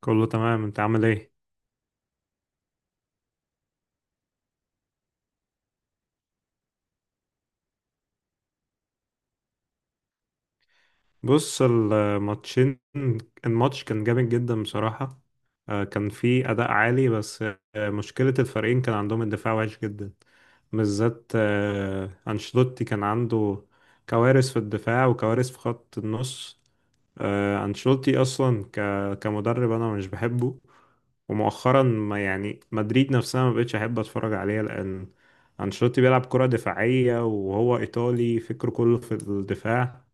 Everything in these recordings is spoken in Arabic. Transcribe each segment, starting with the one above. كله تمام، انت عامل ايه؟ بص الماتشين الماتش كان جامد جدا بصراحة. كان فيه أداء عالي، بس مشكلة الفريقين كان عندهم الدفاع وحش جدا. بالذات أنشيلوتي كان عنده كوارث في الدفاع وكوارث في خط النص. آه، أنشيلوتي أصلا ك... كمدرب أنا مش بحبه، ومؤخرا ما يعني مدريد نفسها ما بقتش أحب أتفرج عليها، لأن أنشيلوتي بيلعب كرة دفاعية، وهو إيطالي فكره كله في الدفاع.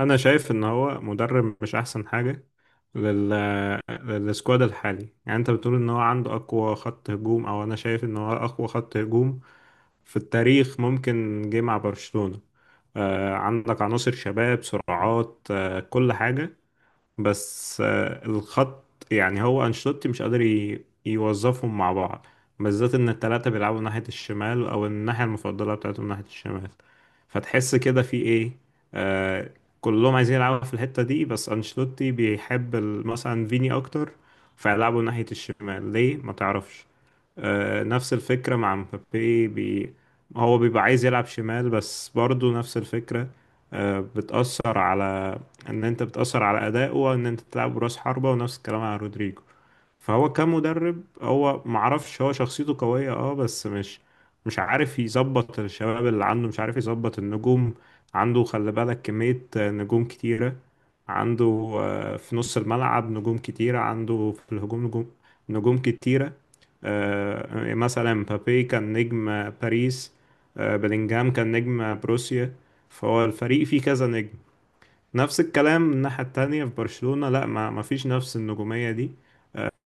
أنا شايف إن هو مدرب مش أحسن حاجة لل... للسكواد الحالي. يعني أنت بتقول إن هو عنده أقوى خط هجوم، أو أنا شايف إن هو أقوى خط هجوم في التاريخ ممكن جه مع برشلونة. عندك عناصر شباب سرعات كل حاجة. بس الخط، يعني هو أنشيلوتي مش قادر يوظفهم مع بعض، بالذات إن التلاتة بيلعبوا ناحية الشمال، أو الناحية المفضلة بتاعتهم ناحية الشمال. فتحس كده في إيه؟ آه كلهم عايزين يلعبوا في الحتة دي، بس أنشيلوتي بيحب مثلا فيني أكتر، فيلعبوا ناحية الشمال ليه ما تعرفش. نفس الفكرة مع مبابي هو بيبقى عايز يلعب شمال، بس برضو نفس الفكرة. بتأثر على إن أنت بتأثر على أدائه، وإن أنت تلعب براس حربة، ونفس الكلام على رودريجو. فهو كمدرب، هو معرفش، هو شخصيته قوية بس مش، مش عارف يظبط الشباب اللي عنده، مش عارف يظبط النجوم عنده. خلي بالك كمية نجوم كتيرة عنده، في نص الملعب نجوم كتيرة، عنده في الهجوم نجوم كتيرة. مثلا مبابي كان نجم باريس، بلينجهام كان نجم بروسيا. فهو الفريق فيه كذا نجم. نفس الكلام من الناحية التانية في برشلونة، لا ما فيش نفس النجومية دي.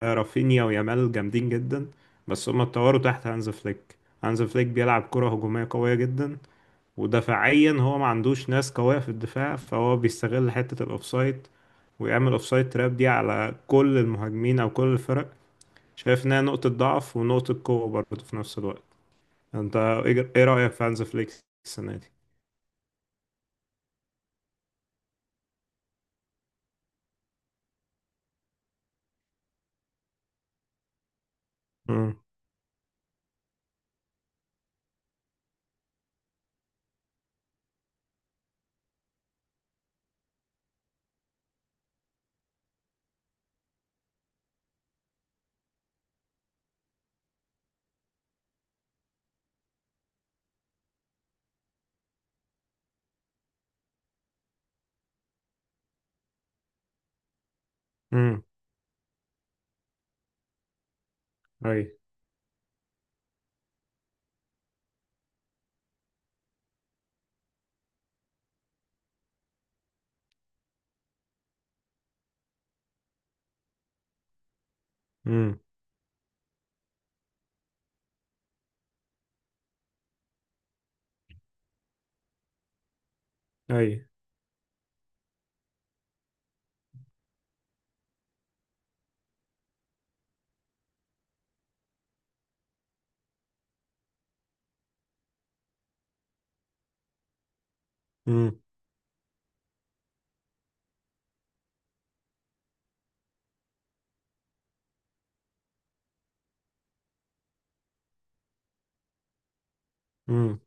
رافينيا ويامال جامدين جدا، بس هما اتطوروا تحت هانز فليك. هانز فليك بيلعب كرة هجومية قوية جدا، ودفاعيا هو ما عندوش ناس قوية في الدفاع، فهو بيستغل حتة الأوفسايد، ويعمل أوفسايد تراب دي على كل المهاجمين أو كل الفرق. شايف إنها نقطة ضعف ونقطة قوة برضه في نفس الوقت. أنت إيه رأيك في هانز فليك السنة دي؟ امم. امم. أي. امم. أي. امم. امم.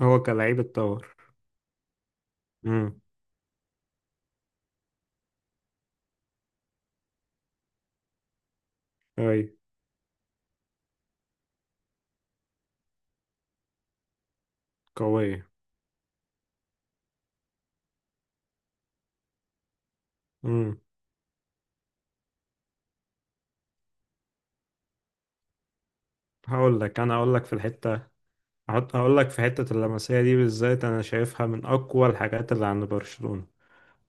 هو كلاعب اتطور. امم. أي. قوية. هقول لك، انا هقول لك في الحته، هقول لك في حته اللمسيه دي بالذات. انا شايفها من اقوى الحاجات اللي عند برشلونه.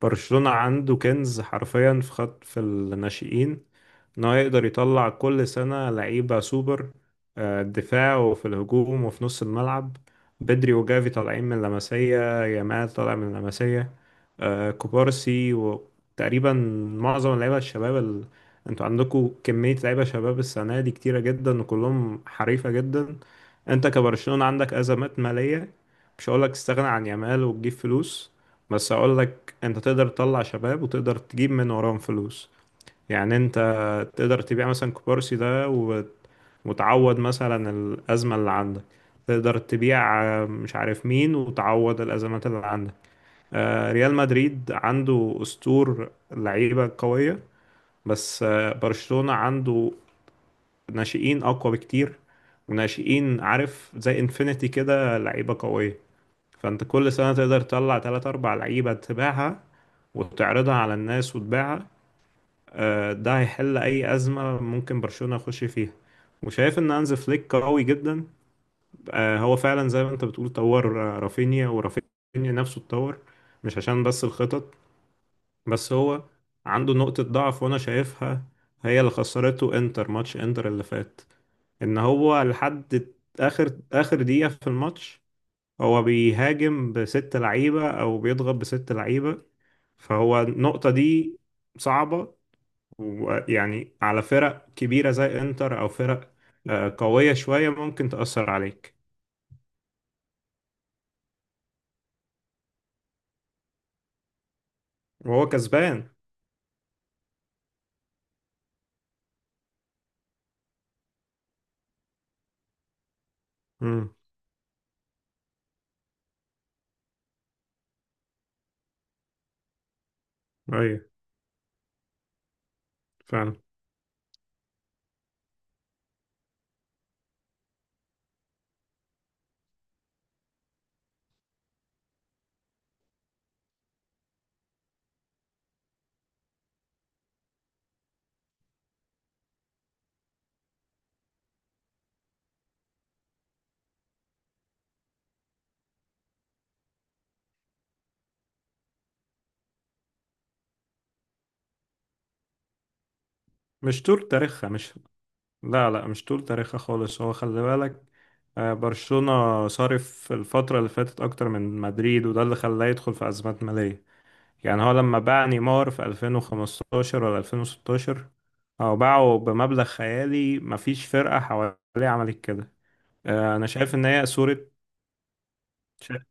برشلونة عنده كنز حرفيا في الناشئين، ان هو يقدر يطلع كل سنة لعيبة سوبر، دفاع وفي الهجوم وفي نص الملعب. بدري وجافي طالعين من لاماسيا، يامال طالع من لاماسيا، كوبارسي، وتقريبا معظم اللعيبة الشباب انتوا عندكم كمية لعيبة شباب السنة دي كتيرة جدا، وكلهم حريفة جدا. انت كبرشلونة عندك أزمات مالية، مش هقولك تستغنى عن يامال وتجيب فلوس، بس هقولك انت تقدر تطلع شباب وتقدر تجيب من وراهم فلوس. يعني انت تقدر تبيع مثلا كوبارسي ده وتعوض مثلا الأزمة اللي عندك. تقدر تبيع مش عارف مين، وتعوض الأزمات اللي عندك. ريال مدريد عنده أسطور لعيبة قوية، بس برشلونة عنده ناشئين أقوى بكتير، وناشئين، عارف، زي انفينيتي كده، لعيبة قوية. فانت كل سنة تقدر تطلع تلات أربع لعيبة تبيعها، وتعرضها على الناس وتبيعها. ده هيحل أي أزمة ممكن برشلونة يخش فيها. وشايف إن هانز فليك قوي جدا، هو فعلا زي ما أنت بتقول طور رافينيا، ورافينيا نفسه اتطور، مش عشان بس الخطط. بس هو عنده نقطة ضعف وأنا شايفها، هي اللي خسرته إنتر، ماتش إنتر اللي فات. إن هو لحد آخر آخر دقيقة في الماتش، هو بيهاجم بست لعيبة أو بيضغط بست لعيبة، فهو النقطة دي صعبة، ويعني على فرق كبيرة زي إنتر أو فرق قوية شوية، ممكن تأثر عليك. وهو كسبان. امم. أيوة، فعلا. مش طول تاريخها مش لا لا، مش طول تاريخها خالص. هو خلي بالك برشلونة صارف الفترة اللي فاتت أكتر من مدريد، وده اللي خلاه يدخل في أزمات مالية. يعني هو لما باع نيمار في 2015 ولا 2016، هو باعه بمبلغ خيالي مفيش فرقة حواليه عملت كده. أنا شايف إن هي صورة شا-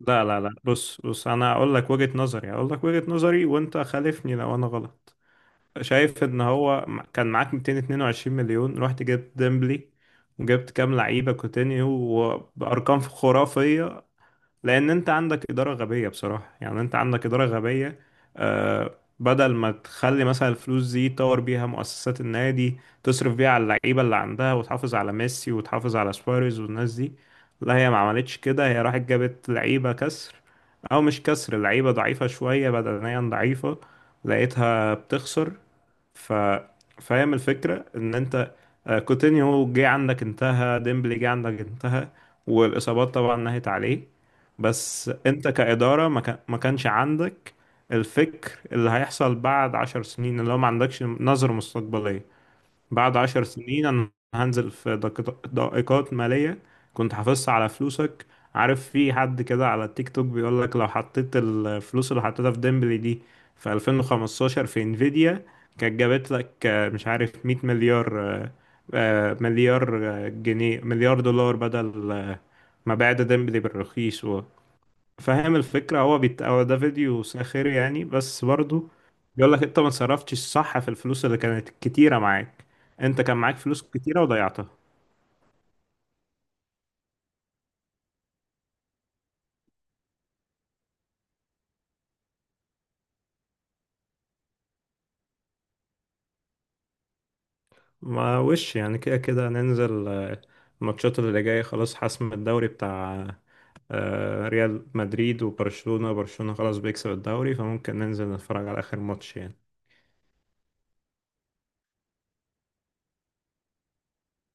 لا لا لا، بص بص، أنا أقول لك وجهة نظري، وأنت خالفني لو أنا غلط. شايف إن هو كان معاك 222 مليون، رحت جبت ديمبلي وجبت كام لعيبة كوتينيو وبأرقام خرافية، لان انت عندك اداره غبيه بصراحه، يعني انت عندك اداره غبيه. بدل ما تخلي مثلا الفلوس دي تطور بيها مؤسسات النادي، تصرف بيها على اللعيبه اللي عندها، وتحافظ على ميسي وتحافظ على سواريز والناس دي. لا، هي ما عملتش كده، هي راحت جابت لعيبه كسر، او مش كسر، لعيبه ضعيفه شويه، بدنيا ضعيفه، لقيتها بتخسر. ف فاهم الفكرة، ان انت كوتينيو جه عندك انتهى، ديمبلي جه عندك انتهى، والاصابات طبعا نهت عليه. بس انت كإدارة ما كانش عندك الفكر اللي هيحصل بعد 10 سنين، اللي هو ما عندكش نظرة مستقبلية. بعد 10 سنين، أنا هنزل في دقيقات مالية كنت حافظها على فلوسك. عارف، في حد كده على التيك توك بيقول لك لو حطيت الفلوس اللي حطيتها في ديمبلي دي في 2015 في انفيديا، كانت جابت لك مش عارف، 100 مليار، مليار جنيه، مليار دولار، بدل ما بعد ديمبلي بالرخيص. فاهم الفكرة؟ هو ده فيديو ساخر يعني، بس برضو بيقول لك انت ما صرفتش الصح في الفلوس اللي كانت كتيرة معاك. انت كان معاك فلوس كتيرة وضيعتها. ما وش يعني، كده كده ننزل الماتشات اللي جاية. خلاص، حسم الدوري بتاع ريال مدريد وبرشلونة، برشلونة خلاص بيكسب الدوري، فممكن ننزل نتفرج على آخر ماتش يعني.